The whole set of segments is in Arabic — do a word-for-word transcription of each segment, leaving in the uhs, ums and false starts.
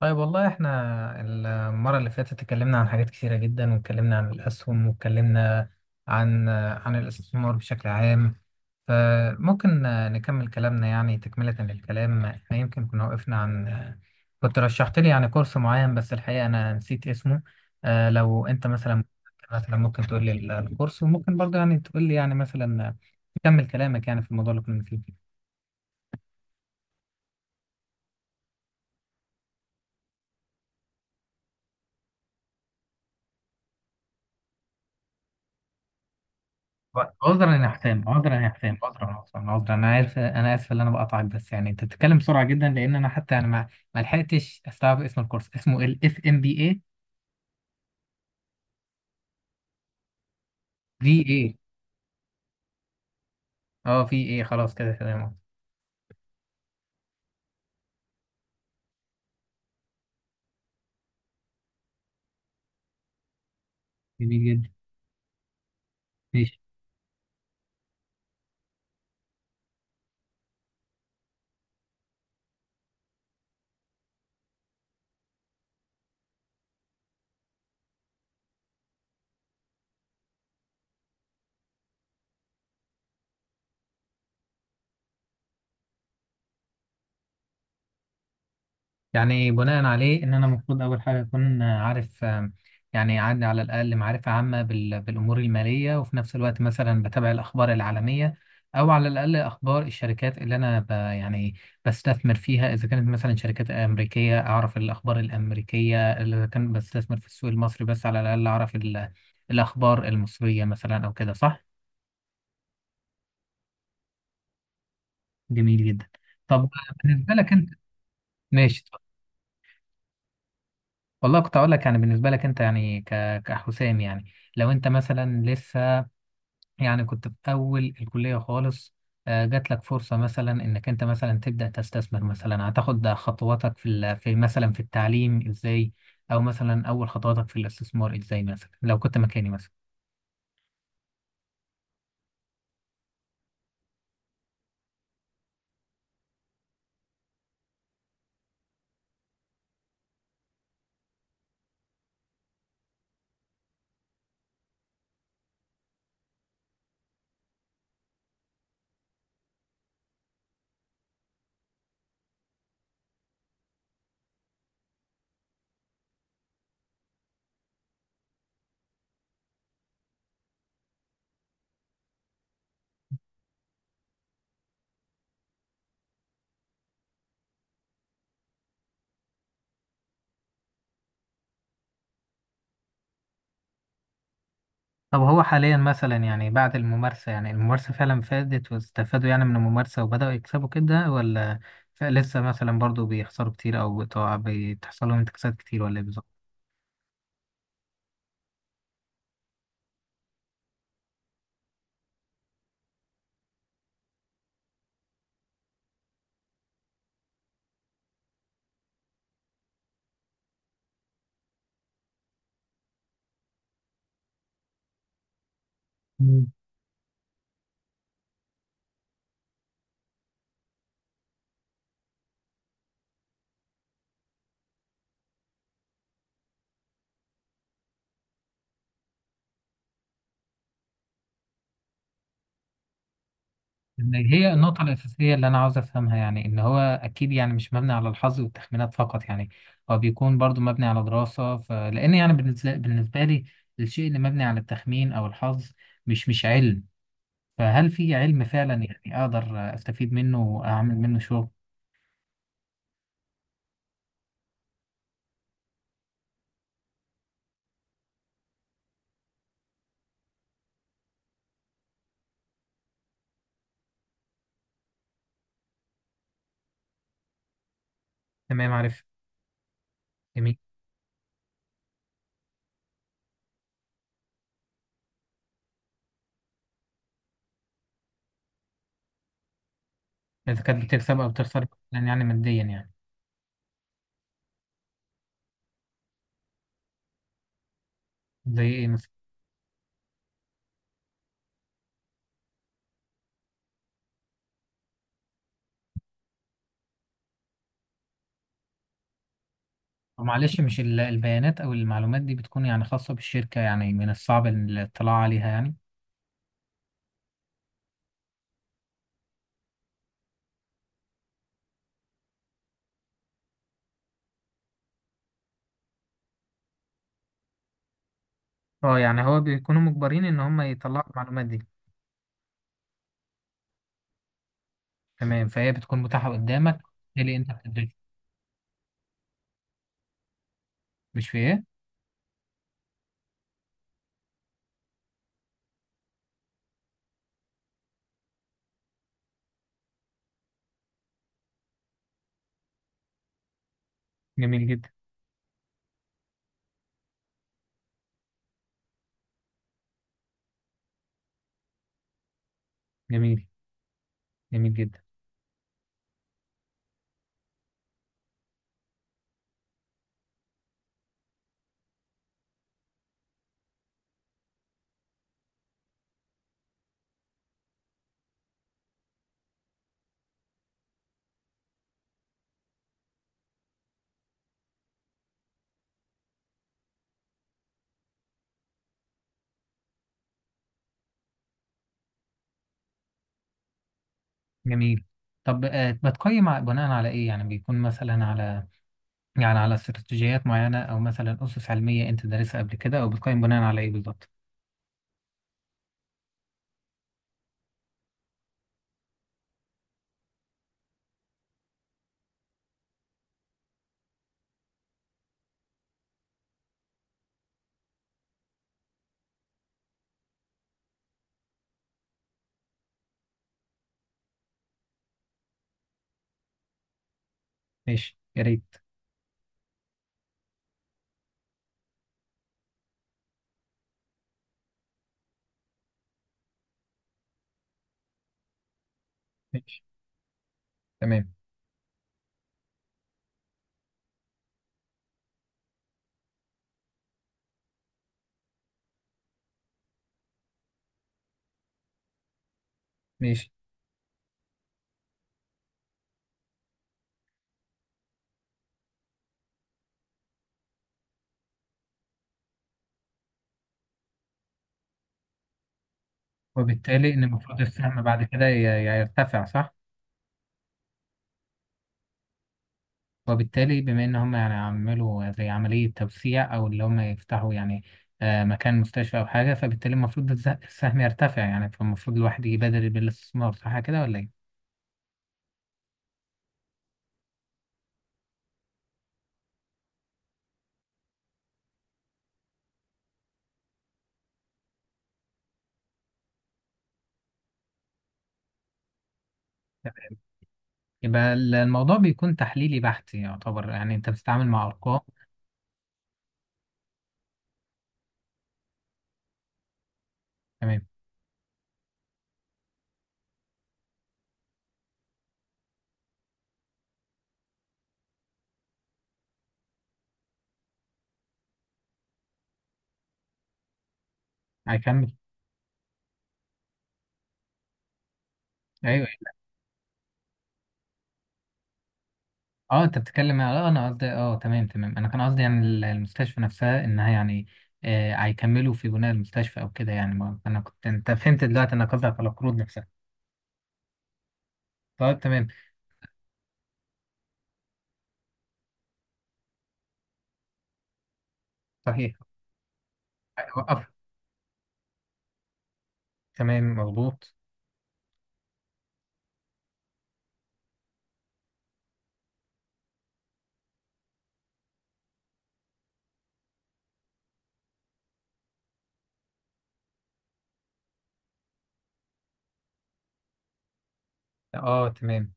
طيب، والله احنا المرة اللي فاتت اتكلمنا عن حاجات كثيرة جدا، واتكلمنا عن الأسهم، واتكلمنا عن عن الاستثمار بشكل عام. فممكن نكمل كلامنا، يعني تكملة للكلام. احنا يمكن كنا وقفنا عن كنت رشحت لي يعني كورس معين، بس الحقيقة أنا نسيت اسمه. آه، لو أنت مثلا مثلا ممكن تقول لي الكورس، وممكن برضه يعني تقول لي يعني مثلا تكمل كلامك يعني في الموضوع اللي كنا فيه. عذرا يا حسام، عذرا يا حسام، عذرا، عذرا، عذرا، انا عارف، انا اسف ان انا بقطعك، بس يعني انت بتتكلم بسرعه جدا، لان انا حتى انا ما ما لحقتش استوعب اسم الكورس. اسمه ال اف ام بي اي؟ في اي. اه، في اي، خلاص كده تمام. جميل جدا. يعني بناء عليه ان انا المفروض اول حاجه اكون عارف، آم، يعني عندي على الاقل معرفه عامه بال- بالامور الماليه، وفي نفس الوقت مثلا بتابع الاخبار العالميه، او على الاقل اخبار الشركات اللي انا ب يعني بستثمر فيها. اذا كانت مثلا شركات امريكيه اعرف الاخبار الامريكيه، اذا كان بستثمر في السوق المصري بس على الاقل اعرف ال- الاخبار المصريه مثلا، او كده صح؟ جميل جدا. طب بالنسبه لك انت، ماشي. والله كنت اقول لك يعني بالنسبه لك انت، يعني ك- كحسام يعني، لو انت مثلا لسه يعني كنت في اول الكليه خالص، آه، جات لك فرصه مثلا انك انت مثلا تبدا تستثمر، مثلا هتاخد خطواتك في ال- في مثلا في التعليم ازاي، او مثلا اول خطواتك في الاستثمار ازاي، مثلا لو كنت مكاني مثلا. طب هو حاليا مثلا يعني بعد الممارسه، يعني الممارسه فعلا فادت واستفادوا يعني من الممارسه وبداوا يكسبوا كده، ولا ف- لسه مثلا برضو بيخسروا كتير، او بتقع- بتحصل لهم انتكاسات كتير، ولا ايه بالظبط؟ هي النقطة الأساسية اللي أنا عاوز أفهمها، يعني إن هو أكيد يعني مش مبني على الحظ والتخمينات فقط، يعني هو بيكون برضو مبني على دراسة. فلأن يعني بالنسبة بالنسبة لي الشيء اللي مبني على التخمين أو الحظ مش مش علم. فهل في علم فعلا يعني أقدر أستفيد منه وأعمل منه شغل؟ تمام، عارف. جميل. إذا كانت بتكسب أو بتخسر، مثلاً يعني ماديا يعني. زي إيه مثلا؟ معلش، مش ال- البيانات أو المعلومات دي بتكون يعني خاصة بالشركة، يعني من الصعب الاطلاع عليها يعني؟ اه، يعني هو بيكونوا مجبرين ان هم يطلعوا المعلومات دي؟ تمام، فهي بتكون متاحة قدامك. إيه اللي انت بتدرسه؟ مش في ايه؟ جميل جدا. جميل. جميل جدا. جميل. طب آه، بتقيم ع- بناء على ايه؟ يعني بيكون مثلا على، يعني على استراتيجيات معينة، او مثلا اسس علمية انت دارسها قبل كده، او بتقيم بناء على ايه بالظبط؟ ماشي، يا ريت. ماشي. تمام. ماشي. وبالتالي ان المفروض السهم بعد كده ي- ي- يرتفع، صح؟ وبالتالي بما ان هم يعني عملوا زي عملية توسيع، او اللي هم يفتحوا يعني آه، مكان مستشفى او حاجة، فبالتالي المفروض الز- السهم يرتفع يعني، فالمفروض الواحد يبادر بالاستثمار، صح كده ولا ايه؟ يبقى ال- الموضوع بيكون تحليلي بحت يعتبر، يعني انت بتتعامل مع ارقام. تمام. هيكمل. ايوه. اه، انت بتتكلم. اه، انا قصدي، اه تمام، تمام، انا كان قصدي يعني ال- المستشفى نفسها، انها يعني آه، هيكملوا في بناء المستشفى او كده يعني. ما- انا كنت انت فهمت دلوقتي، انا قصدك على القروض نفسها. طيب تمام. صحيح. وقفت. تمام مظبوط. اه تمام.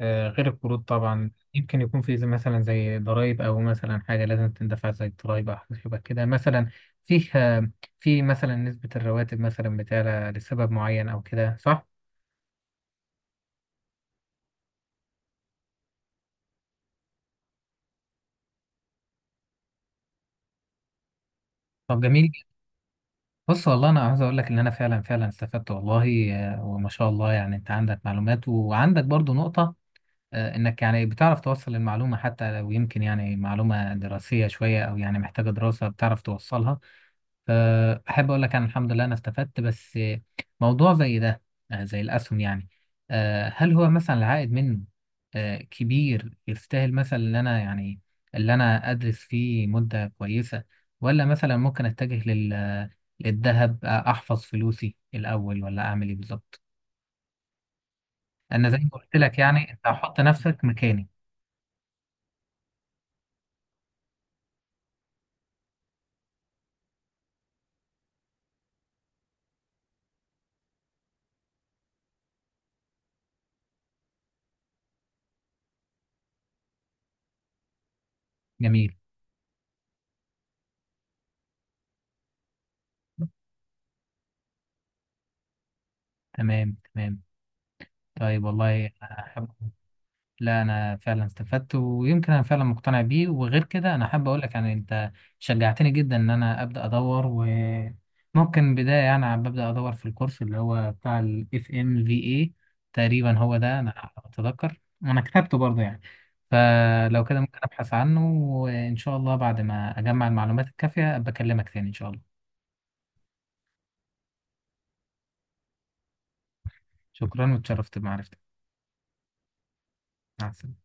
آه غير القروض طبعا يمكن يكون في زي- مثلا زي ضرائب، او مثلا حاجه لازم تندفع زي الضرائب، او حاجه شبه كده مثلا فيها. في مثلا نسبه الرواتب مثلا بتعلى لسبب معين، او كده صح؟ طب جميل. بص، والله انا عاوز اقول لك ان انا فعلا فعلا استفدت والله، آه، وما شاء الله. يعني انت عندك معلومات وعندك برضو نقطه، آه، انك يعني بتعرف توصل المعلومه، حتى لو يمكن يعني معلومه دراسيه شويه او يعني محتاجه دراسه بتعرف توصلها. فأحب أقول لك أنا الحمد لله أنا استفدت. بس موضوع زي ده، آه، زي الأسهم يعني، آه، هل هو مثلا العائد منه آه، كبير، يستاهل مثلا إن أنا يعني اللي أنا أدرس فيه مدة كويسة؟ ولا مثلا ممكن أتجه لل للذهب، آه، أحفظ فلوسي الأول؟ ولا أعمل إيه بالظبط؟ أنا زي ما قلت لك يعني، أنت هحط نفسك مكاني. جميل. تمام، تمام. طيب، والله أحب. لا، انا فعلا استفدت، ويمكن انا فعلا مقتنع بيه، وغير كده انا حابب اقول لك يعني انت شجعتني جدا ان انا ابدا ادور. وممكن بدايه يعني عم ببدا ادور في الكورس اللي هو بتاع الاف ام في اي. تقريبا هو ده، انا اتذكر انا كتبته برضه يعني. فلو كده ممكن ابحث عنه، وان شاء الله بعد ما اجمع المعلومات الكافيه ابقى اكلمك تاني ان شاء الله. شكرا، واتشرفت بمعرفتك. مع السلامه.